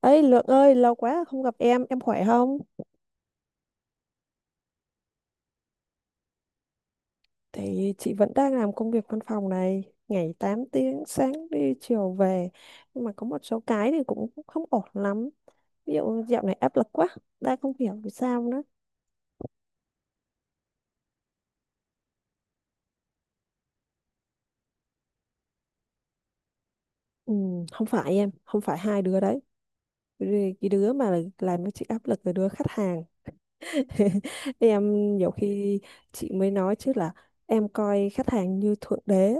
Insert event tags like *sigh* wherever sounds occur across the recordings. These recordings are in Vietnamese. Lượng ơi, lâu quá không gặp em khỏe không? Thì chị vẫn đang làm công việc văn phòng này, ngày 8 tiếng, sáng đi chiều về. Nhưng mà có một số cái thì cũng không ổn lắm. Ví dụ dạo này áp lực quá, đang không hiểu vì sao nữa. Ừ, không phải em, không phải hai đứa đấy. Vì cái đứa mà làm cho chị áp lực là đứa khách hàng. *laughs* em nhiều khi chị mới nói chứ là em coi khách hàng như thượng đế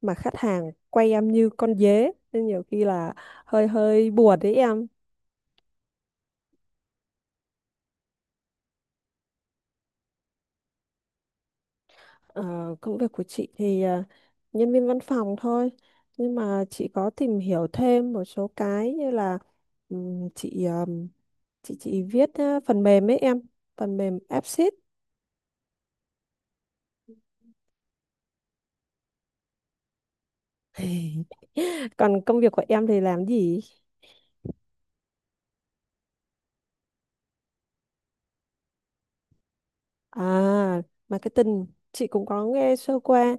mà khách hàng quay em như con dế nên nhiều khi là hơi hơi buồn đấy em. Ờ, công việc của chị thì nhân viên văn phòng thôi, nhưng mà chị có tìm hiểu thêm một số cái như là chị chị viết phần mềm ấy em, phần mềm Apsys. *laughs* Còn công việc của em thì làm gì? À, marketing, chị cũng có nghe sơ qua.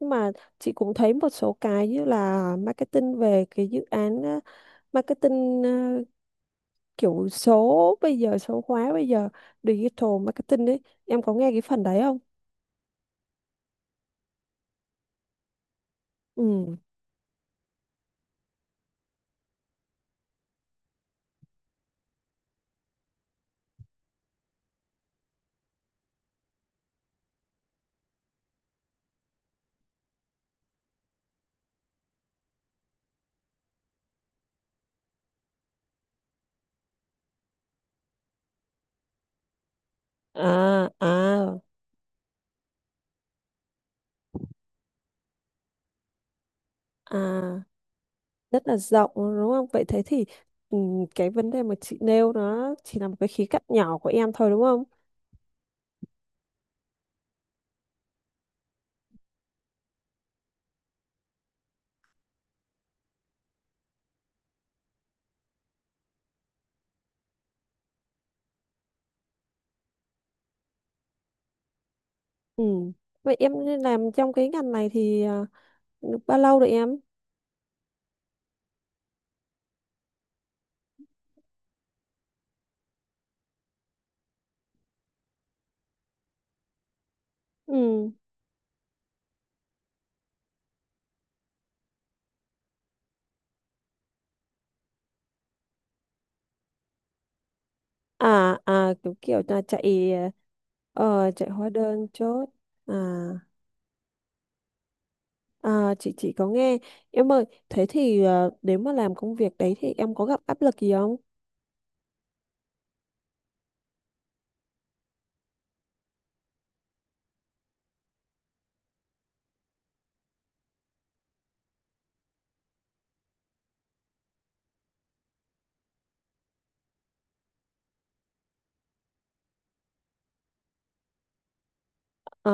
Nhưng mà chị cũng thấy một số cái như là marketing về cái dự án á, marketing kiểu số bây giờ số hóa bây giờ, digital marketing đấy, em có nghe cái phần đấy không? Ừ, à à à, rất là rộng đúng không? Vậy thế thì, ừ, cái vấn đề mà chị nêu nó chỉ là một cái khía cạnh nhỏ của em thôi đúng không? Ừ. Vậy em làm trong cái ngành này thì, à, được bao lâu rồi em? Ừ. À à, kiểu kiểu là chạy, chạy hóa đơn chốt. À à, chị có nghe. Em ơi thế thì, nếu mà làm công việc đấy thì em có gặp áp lực gì không? Ờ,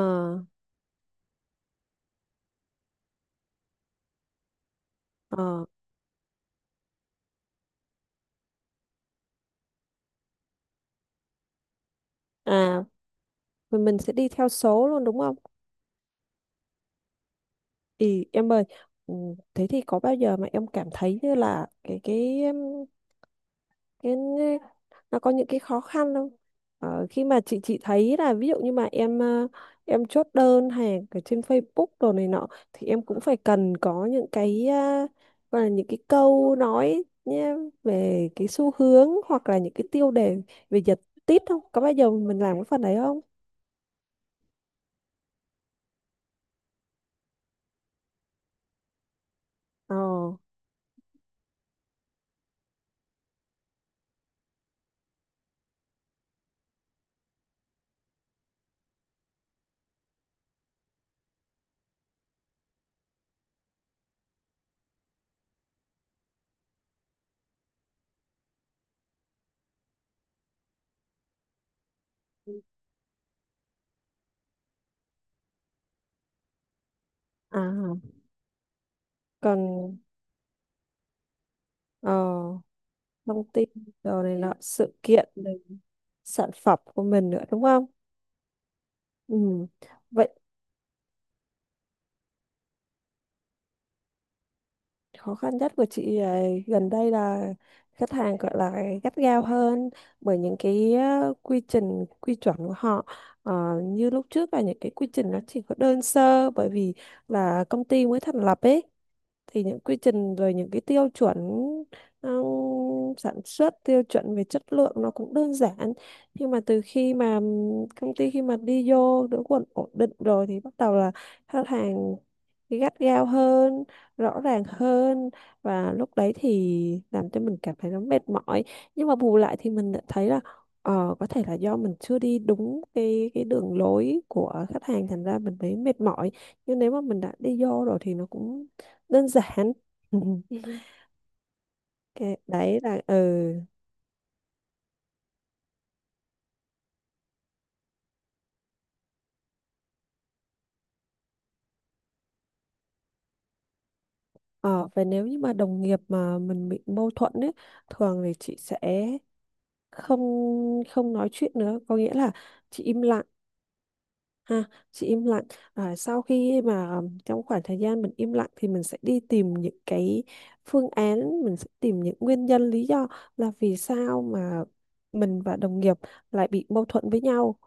ờ, à, mình sẽ đi theo số luôn đúng không? Thì em ơi, ừ, thế thì có bao giờ mà em cảm thấy như là cái Thế nên nó có những cái khó khăn không? Ờ, khi mà chị thấy là ví dụ như mà em, em chốt đơn hàng ở trên Facebook đồ này nọ thì em cũng phải cần có những cái, gọi là những cái câu nói nhé, về cái xu hướng hoặc là những cái tiêu đề, về giật tít, không có bao giờ mình làm cái phần đấy không? Ờ, à, còn, ờ, thông tin, đồ này nọ sự kiện này, sản phẩm của mình nữa đúng không? Ừ. Vậy khó khăn nhất của chị, gần đây là khách hàng gọi là gắt gao hơn, bởi những cái, quy trình quy chuẩn của họ. Ờ, như lúc trước là những cái quy trình nó chỉ có đơn sơ, bởi vì là công ty mới thành lập ấy, thì những quy trình rồi những cái tiêu chuẩn, ừ, sản xuất tiêu chuẩn về chất lượng nó cũng đơn giản. Nhưng mà từ khi mà công ty khi mà đi vô đỡ quần ổn định rồi thì bắt đầu là khách hàng gắt gao hơn, rõ ràng hơn, và lúc đấy thì làm cho mình cảm thấy nó mệt mỏi. Nhưng mà bù lại thì mình lại thấy là, ờ, có thể là do mình chưa đi đúng cái đường lối của khách hàng thành ra mình thấy mệt mỏi. Nhưng nếu mà mình đã đi vô rồi thì nó cũng đơn giản. *laughs* Cái đấy là, ừ, ờ, và nếu như mà đồng nghiệp mà mình bị mâu thuẫn ấy, thường thì chị sẽ không, nói chuyện nữa, có nghĩa là chị im lặng. Ha, chị im lặng. À, sau khi mà trong khoảng thời gian mình im lặng thì mình sẽ đi tìm những cái phương án, mình sẽ tìm những nguyên nhân lý do là vì sao mà mình và đồng nghiệp lại bị mâu thuẫn với nhau,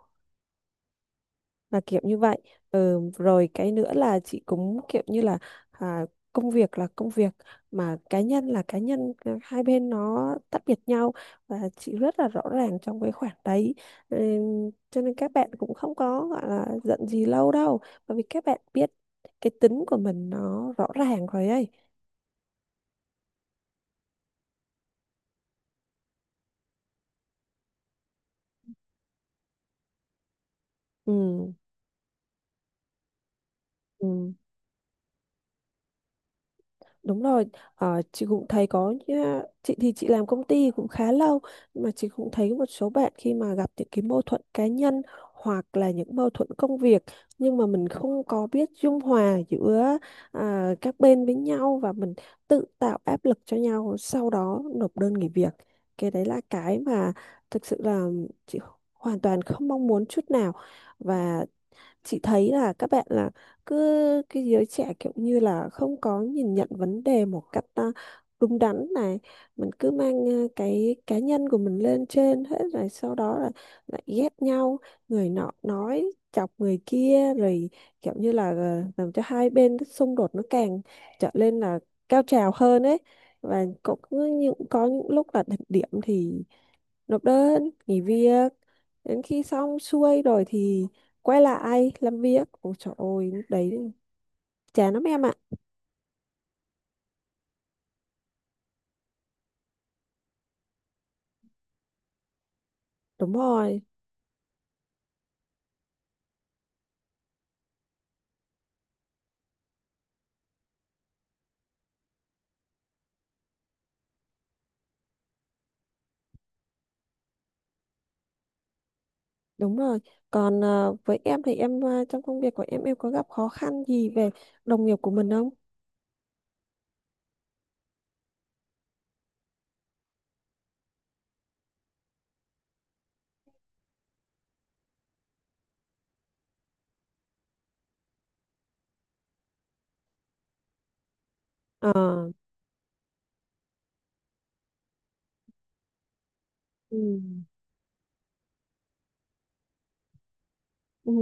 là kiểu như vậy. Ừ, rồi cái nữa là chị cũng kiểu như là, à, công việc là công việc, mà cá nhân là cá nhân, à, hai bên nó tách biệt nhau, và chị rất là rõ ràng trong cái khoảng đấy. Ừ, cho nên các bạn cũng không có gọi là giận gì lâu đâu, bởi vì các bạn biết cái tính của mình nó rõ ràng rồi ấy. Ừ, ừ. Đúng rồi, ờ, chị cũng thấy có chị thì chị làm công ty cũng khá lâu, nhưng mà chị cũng thấy một số bạn khi mà gặp những cái mâu thuẫn cá nhân hoặc là những mâu thuẫn công việc, nhưng mà mình không có biết dung hòa giữa, à, các bên với nhau, và mình tự tạo áp lực cho nhau sau đó nộp đơn nghỉ việc. Cái đấy là cái mà thực sự là chị hoàn toàn không mong muốn chút nào. Và chị thấy là các bạn là cứ cái giới trẻ kiểu như là không có nhìn nhận vấn đề một cách, à, đúng đắn này, mình cứ mang, à, cái cá nhân của mình lên trên hết rồi sau đó là lại ghét nhau, người nọ nói chọc người kia rồi kiểu như là, à, làm cho hai bên cái xung đột nó càng trở lên là cao trào hơn ấy. Và cũng có những lúc là đỉnh điểm thì nộp đơn nghỉ việc, đến khi xong xuôi rồi thì quay lại làm việc, ôi trời ơi lúc đấy chán lắm em ạ. Đúng rồi, đúng rồi, còn, với em thì em, trong công việc của em có gặp khó khăn gì về đồng nghiệp của mình không? Ờ, ừ. Ừ.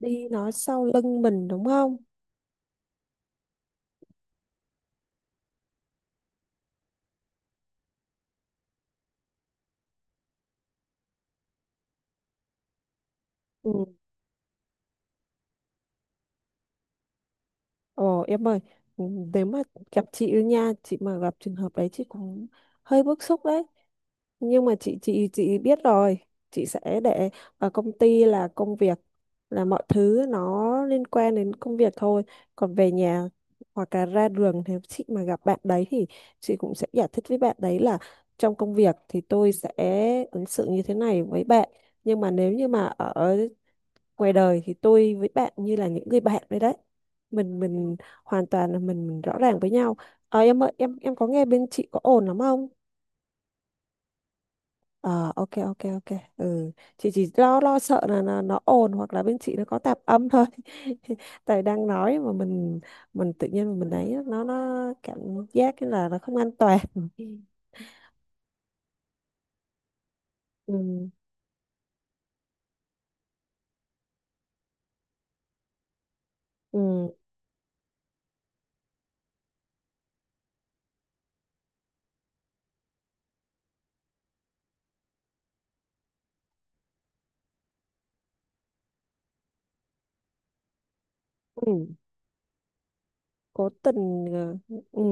Đi nói sau lưng mình đúng không? Ừ. Ồ em ơi, ừ, nếu mà gặp chị ấy nha, chị mà gặp trường hợp đấy chị cũng hơi bức xúc đấy. Nhưng mà chị biết rồi, chị sẽ để ở công ty là công việc, là mọi thứ nó liên quan đến công việc thôi. Còn về nhà hoặc là ra đường nếu chị mà gặp bạn đấy thì chị cũng sẽ giải thích với bạn đấy là trong công việc thì tôi sẽ ứng xử như thế này với bạn. Nhưng mà nếu như mà ở ngoài đời thì tôi với bạn như là những người bạn đấy đấy, mình hoàn toàn là mình rõ ràng với nhau. Ờ em ơi, em có nghe bên chị có ồn lắm không? Ờ ok ok ok, ừ, chị chỉ lo lo sợ là nó ồn hoặc là bên chị nó có tạp âm thôi. *laughs* Tại đang nói mà mình tự nhiên mình ấy nó cảm giác như là nó không an toàn. Ừ. *laughs* Ừ, ừ, ừ. Cố tình, ừ,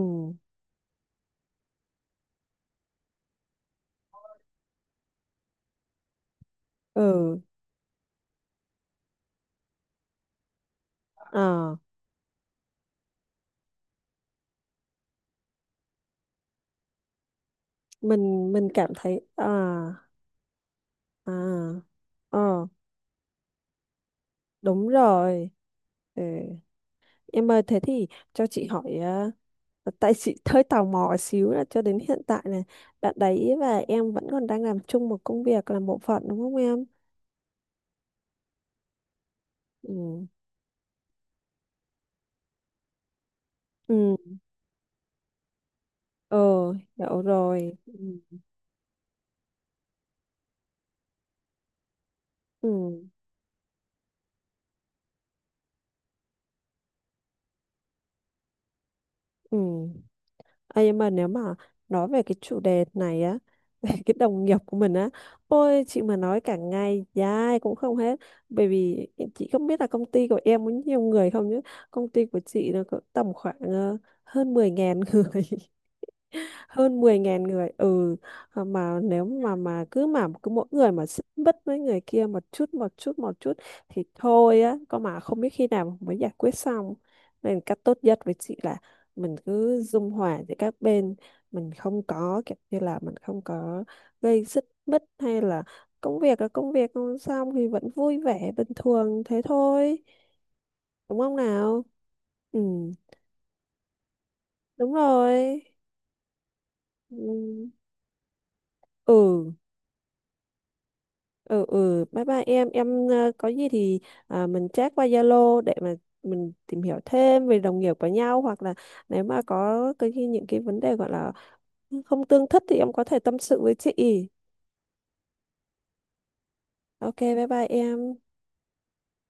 ừ, ờ, mình cảm thấy à. À, ờ, đúng rồi. Ừ. Em ơi, thế thì cho chị hỏi, à, tại chị *laughs* hơi tò mò xíu là cho đến hiện tại này, bạn đấy và em vẫn còn đang làm chung một công việc, làm bộ phận đúng không em? Ừ, ừ, ờ, hiểu rồi. Ừ, ừ, ừ. Ê, nhưng mà nếu mà nói về cái chủ đề này á, *laughs* về cái đồng nghiệp của mình á, ôi chị mà nói cả ngày dài cũng không hết, bởi vì chị không biết là công ty của em có nhiều người không, chứ công ty của chị nó có tầm khoảng, hơn 10.000 *laughs* người, hơn 10.000 người. Ừ. Ờ, mà nếu mà cứ mỗi người mà xích mích với người kia một chút một chút một chút thì thôi á, có mà không biết khi nào mới giải quyết xong. Nên cách tốt nhất với chị là mình cứ dung hòa giữa các bên, mình không có kiểu như là mình không có gây xích mích, hay là công việc là công việc, không xong thì vẫn vui vẻ bình thường thế thôi, đúng không nào? Ừ, đúng rồi, ừ. Ừ, ừ, ừ, bye bye em. Em, có gì thì, à, mình chat qua Zalo để mà mình tìm hiểu thêm về đồng nghiệp của nhau, hoặc là nếu mà có cái những cái vấn đề gọi là không tương thích thì em có thể tâm sự với chị. Ok bye bye em.